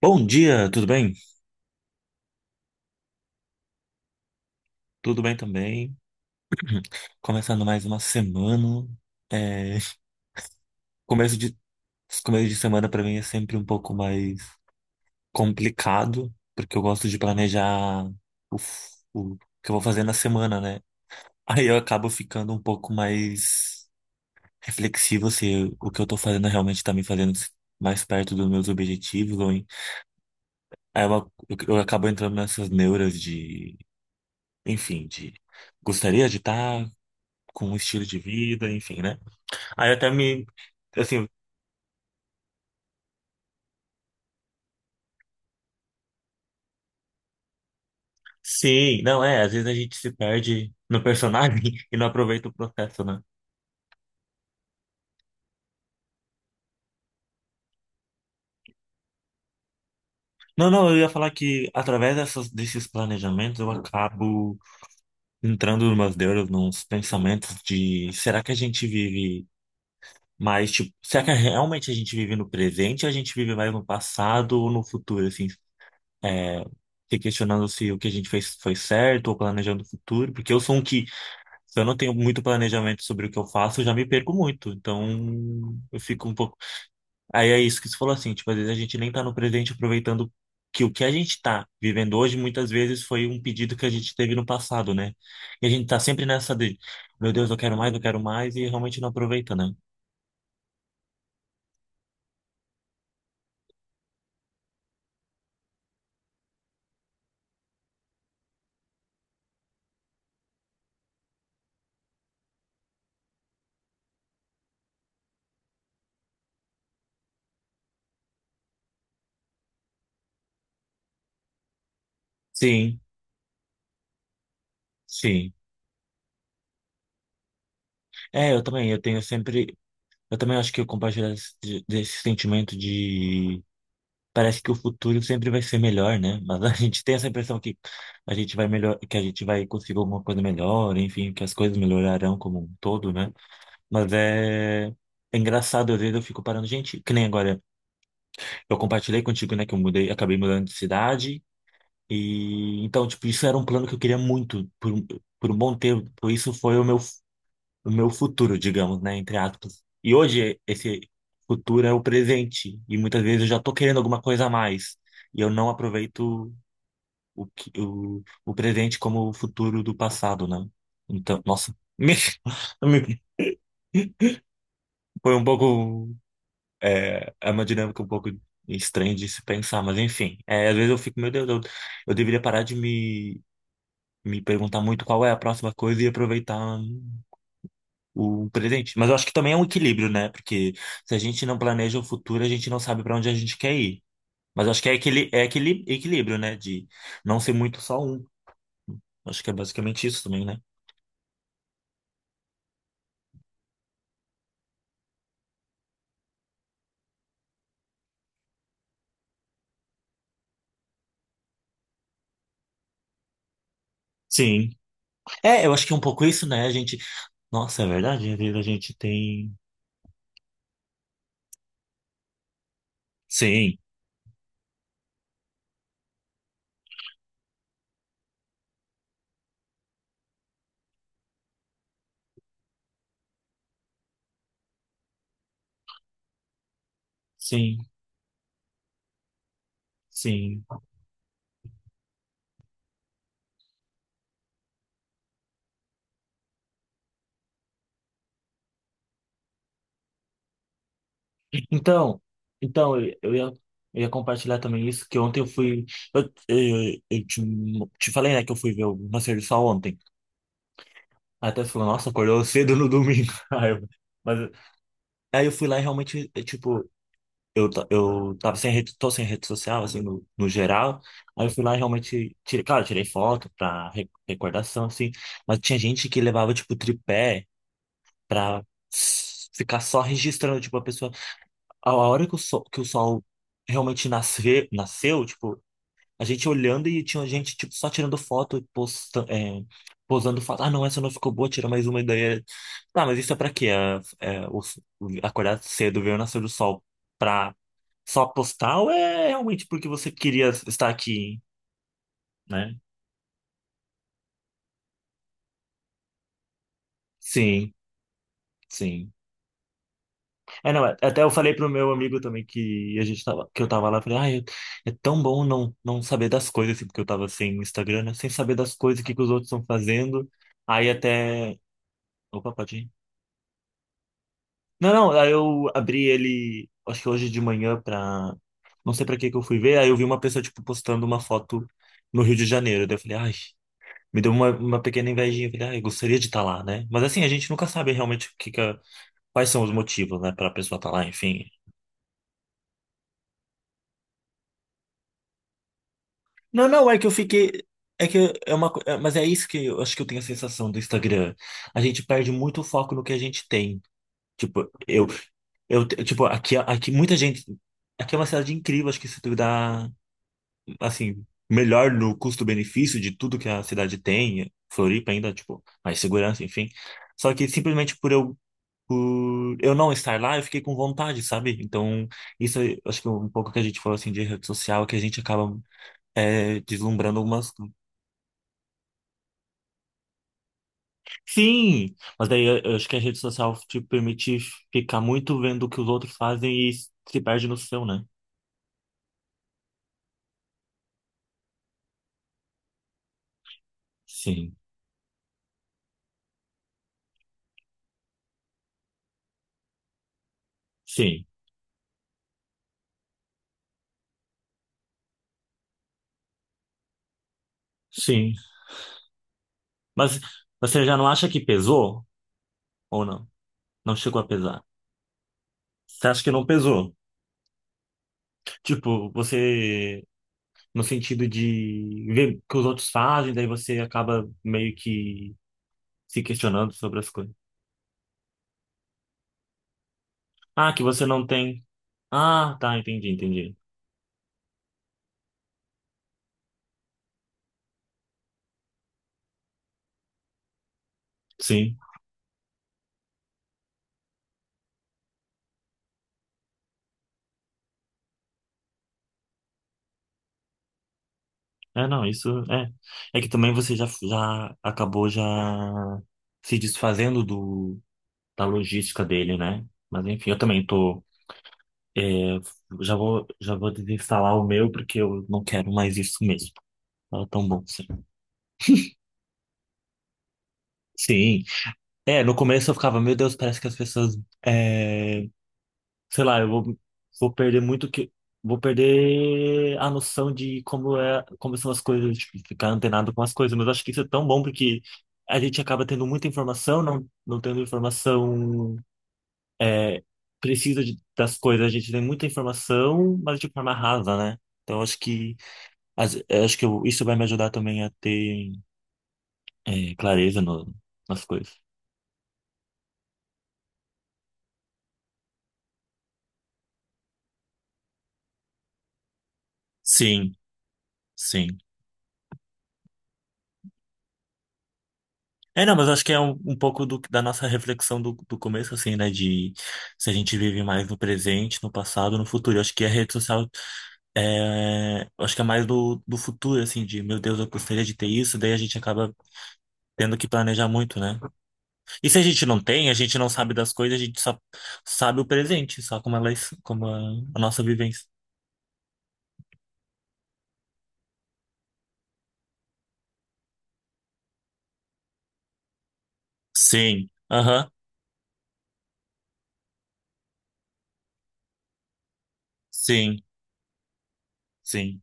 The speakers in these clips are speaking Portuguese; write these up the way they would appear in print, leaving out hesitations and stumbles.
Bom dia, tudo bem? Tudo bem também. Começando mais uma semana. É, começo de, começo de semana para mim é sempre um pouco mais complicado, porque eu gosto de planejar o que eu vou fazer na semana, né? Aí eu acabo ficando um pouco mais reflexivo se o que eu tô fazendo realmente tá me fazendo mais perto dos meus objetivos. Aí eu acabo entrando nessas neuras de, enfim, de gostaria de estar com um estilo de vida, enfim, né? Aí eu até me. Assim, sim, não é. Às vezes a gente se perde no personagem e não aproveita o processo, né? Não, não, eu ia falar que através desses planejamentos eu acabo entrando nos deuses, nos pensamentos de será que a gente vive mais, tipo, será que realmente a gente vive no presente ou a gente vive mais no passado ou no futuro, assim, é, se questionando se o que a gente fez foi certo ou planejando o futuro, porque eu sou um que se eu não tenho muito planejamento sobre o que eu faço, eu já me perco muito. Então, eu fico um pouco. Aí é isso que você falou assim, tipo, às vezes a gente nem tá no presente aproveitando que o que a gente tá vivendo hoje muitas vezes foi um pedido que a gente teve no passado, né? E a gente tá sempre nessa de, meu Deus, eu quero mais, e realmente não aproveita, né? Sim, sim. É, eu também, eu tenho sempre. Eu também acho que eu compartilho desse sentimento de parece que o futuro sempre vai ser melhor, né? Mas a gente tem essa impressão que a gente vai melhor, que a gente vai conseguir alguma coisa melhor, enfim, que as coisas melhorarão como um todo, né? Mas é engraçado, às vezes eu fico parando, gente, que nem agora, eu compartilhei contigo, né, que eu mudei, acabei mudando de cidade, e então, tipo, isso era um plano que eu queria muito por um bom tempo, por isso foi o meu futuro, digamos, né, entre aspas. E hoje esse futuro é o presente e muitas vezes eu já tô querendo alguma coisa a mais e eu não aproveito o presente como o futuro do passado, né? Então, nossa, me- foi um pouco é, é uma dinâmica um pouco estranha de se pensar, mas enfim, é, às vezes eu fico, meu Deus, eu deveria parar de me perguntar muito qual é a próxima coisa e aproveitar o presente. Mas eu acho que também é um equilíbrio, né? Porque se a gente não planeja o futuro, a gente não sabe para onde a gente quer ir. Mas eu acho que é aquele equilíbrio, né? De não ser muito só um. Acho que é basicamente isso também, né? Sim. É, eu acho que é um pouco isso, né? A gente. Nossa, é verdade, a vida a gente tem. Sim, sim, sim. Então, então, eu ia compartilhar também isso, que ontem eu fui. Eu te falei, né, que eu fui ver o Nascer do Sol ontem. Até falou, nossa, acordou cedo no domingo. Mas aí eu fui lá e realmente, tipo, eu tava sem rede, tô sem rede social, assim, no geral. Aí eu fui lá e realmente, tirei, claro, tirei foto pra recordação, assim, mas tinha gente que levava, tipo, tripé pra ficar só registrando, tipo, a pessoa. A hora que o sol realmente nasceu, tipo. A gente olhando e tinha gente, tipo, só tirando foto, posando foto. Ah, não, essa não ficou boa, tira mais uma ideia. Tá, mas isso é pra quê? Acordar cedo, ver o nascer do sol pra só postar ou é realmente porque você queria estar aqui, né? Sim, sim. É, não, é, até eu falei pro meu amigo também que a gente tava, que eu tava lá, eu falei, ai, é tão bom não, não saber das coisas, assim, porque eu tava sem Instagram, né? Sem saber das coisas, o que que os outros estão fazendo. Aí até. Opa, pode ir. Não, não, aí eu abri ele, acho que hoje de manhã pra. Não sei pra que que eu fui ver, aí eu vi uma pessoa, tipo, postando uma foto no Rio de Janeiro. Daí eu falei, ai, me deu uma pequena invejinha. Eu falei, ai, gostaria de estar lá, né? Mas assim, a gente nunca sabe realmente o que que a- quais são os motivos, né, pra pessoa estar lá, enfim. Não, não, é que eu fiquei. É que é uma. Mas é isso que eu acho que eu tenho a sensação do Instagram. A gente perde muito o foco no que a gente tem. Tipo, eu, te- tipo, aqui, aqui muita gente. Aqui é uma cidade incrível, acho que se tu dá assim, melhor no custo-benefício de tudo que a cidade tem, Floripa ainda, tipo, mais segurança, enfim. Só que simplesmente por eu não estar lá, eu fiquei com vontade, sabe? Então, isso é, acho que é um pouco que a gente falou assim de rede social, que a gente acaba deslumbrando algumas. Coisas. Sim! Mas daí eu acho que a rede social te permite ficar muito vendo o que os outros fazem e se perde no seu, né? Sim, sim, sim. Mas você já não acha que pesou ou não? Não chegou a pesar? Você acha que não pesou? Tipo, você, no sentido de ver o que os outros fazem, daí você acaba meio que se questionando sobre as coisas. Ah, que você não tem. Ah, tá, entendi, entendi. Sim. É, não, isso é. É que também você já acabou já se desfazendo do, da logística dele, né? Mas enfim, eu também tô. é, já vou desinstalar o meu porque eu não quero mais isso mesmo. Tava tão bom assim. Sim. É, no começo eu ficava, meu Deus, parece que as pessoas, é, sei lá, eu vou perder muito vou perder a noção de como são as coisas, tipo, ficar antenado com as coisas. Mas eu acho que isso é tão bom porque a gente acaba tendo muita informação, não, não tendo informação, é, precisa das coisas. A gente tem muita informação, mas de forma rasa, né? Então eu acho que, isso vai me ajudar também a ter, clareza nas coisas. Sim, sim. É, não, mas acho que é um pouco da nossa reflexão do começo, assim, né? De se a gente vive mais no presente, no passado, no futuro. Eu acho que a rede social eu acho que é mais do futuro, assim, de meu Deus, eu gostaria de ter isso, daí a gente acaba tendo que planejar muito, né? E se a gente não tem, a gente não sabe das coisas, a gente só sabe o presente, só como elas, como a nossa vivência. Sim, aham, sim, sim,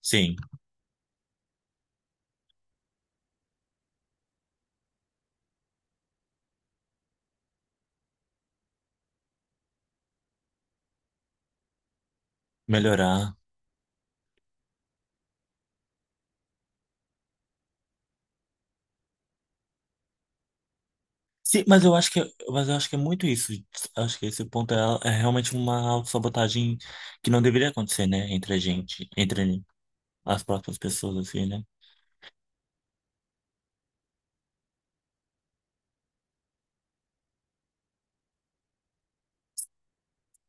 sim. Melhorar. Sim, mas eu acho que é muito isso. Acho que esse ponto é, realmente uma autossabotagem que não deveria acontecer, né? Entre a gente, entre as próprias pessoas, assim, né?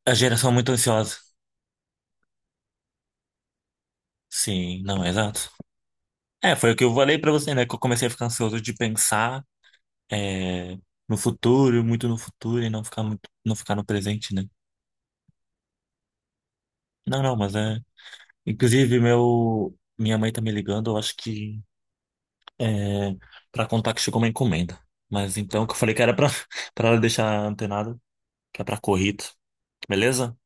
A geração muito ansiosa. Sim, não, exato. É, foi o que eu falei pra você, né? Que eu comecei a ficar ansioso de pensar é, no futuro, muito no futuro, e não ficar muito, não ficar no presente, né? Não, não, mas é. Inclusive, minha mãe tá me ligando, eu acho que é, para contar que chegou uma encomenda. Mas então, que eu falei que era pra, pra ela deixar antenado, que é pra corrida. Beleza?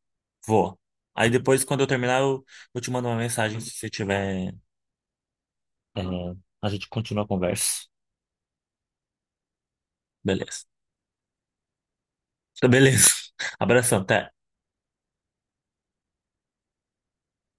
Vou. Aí depois, quando eu terminar, eu te mando uma mensagem se você tiver. é, a gente continua a conversa. Beleza. Beleza. Abração, até.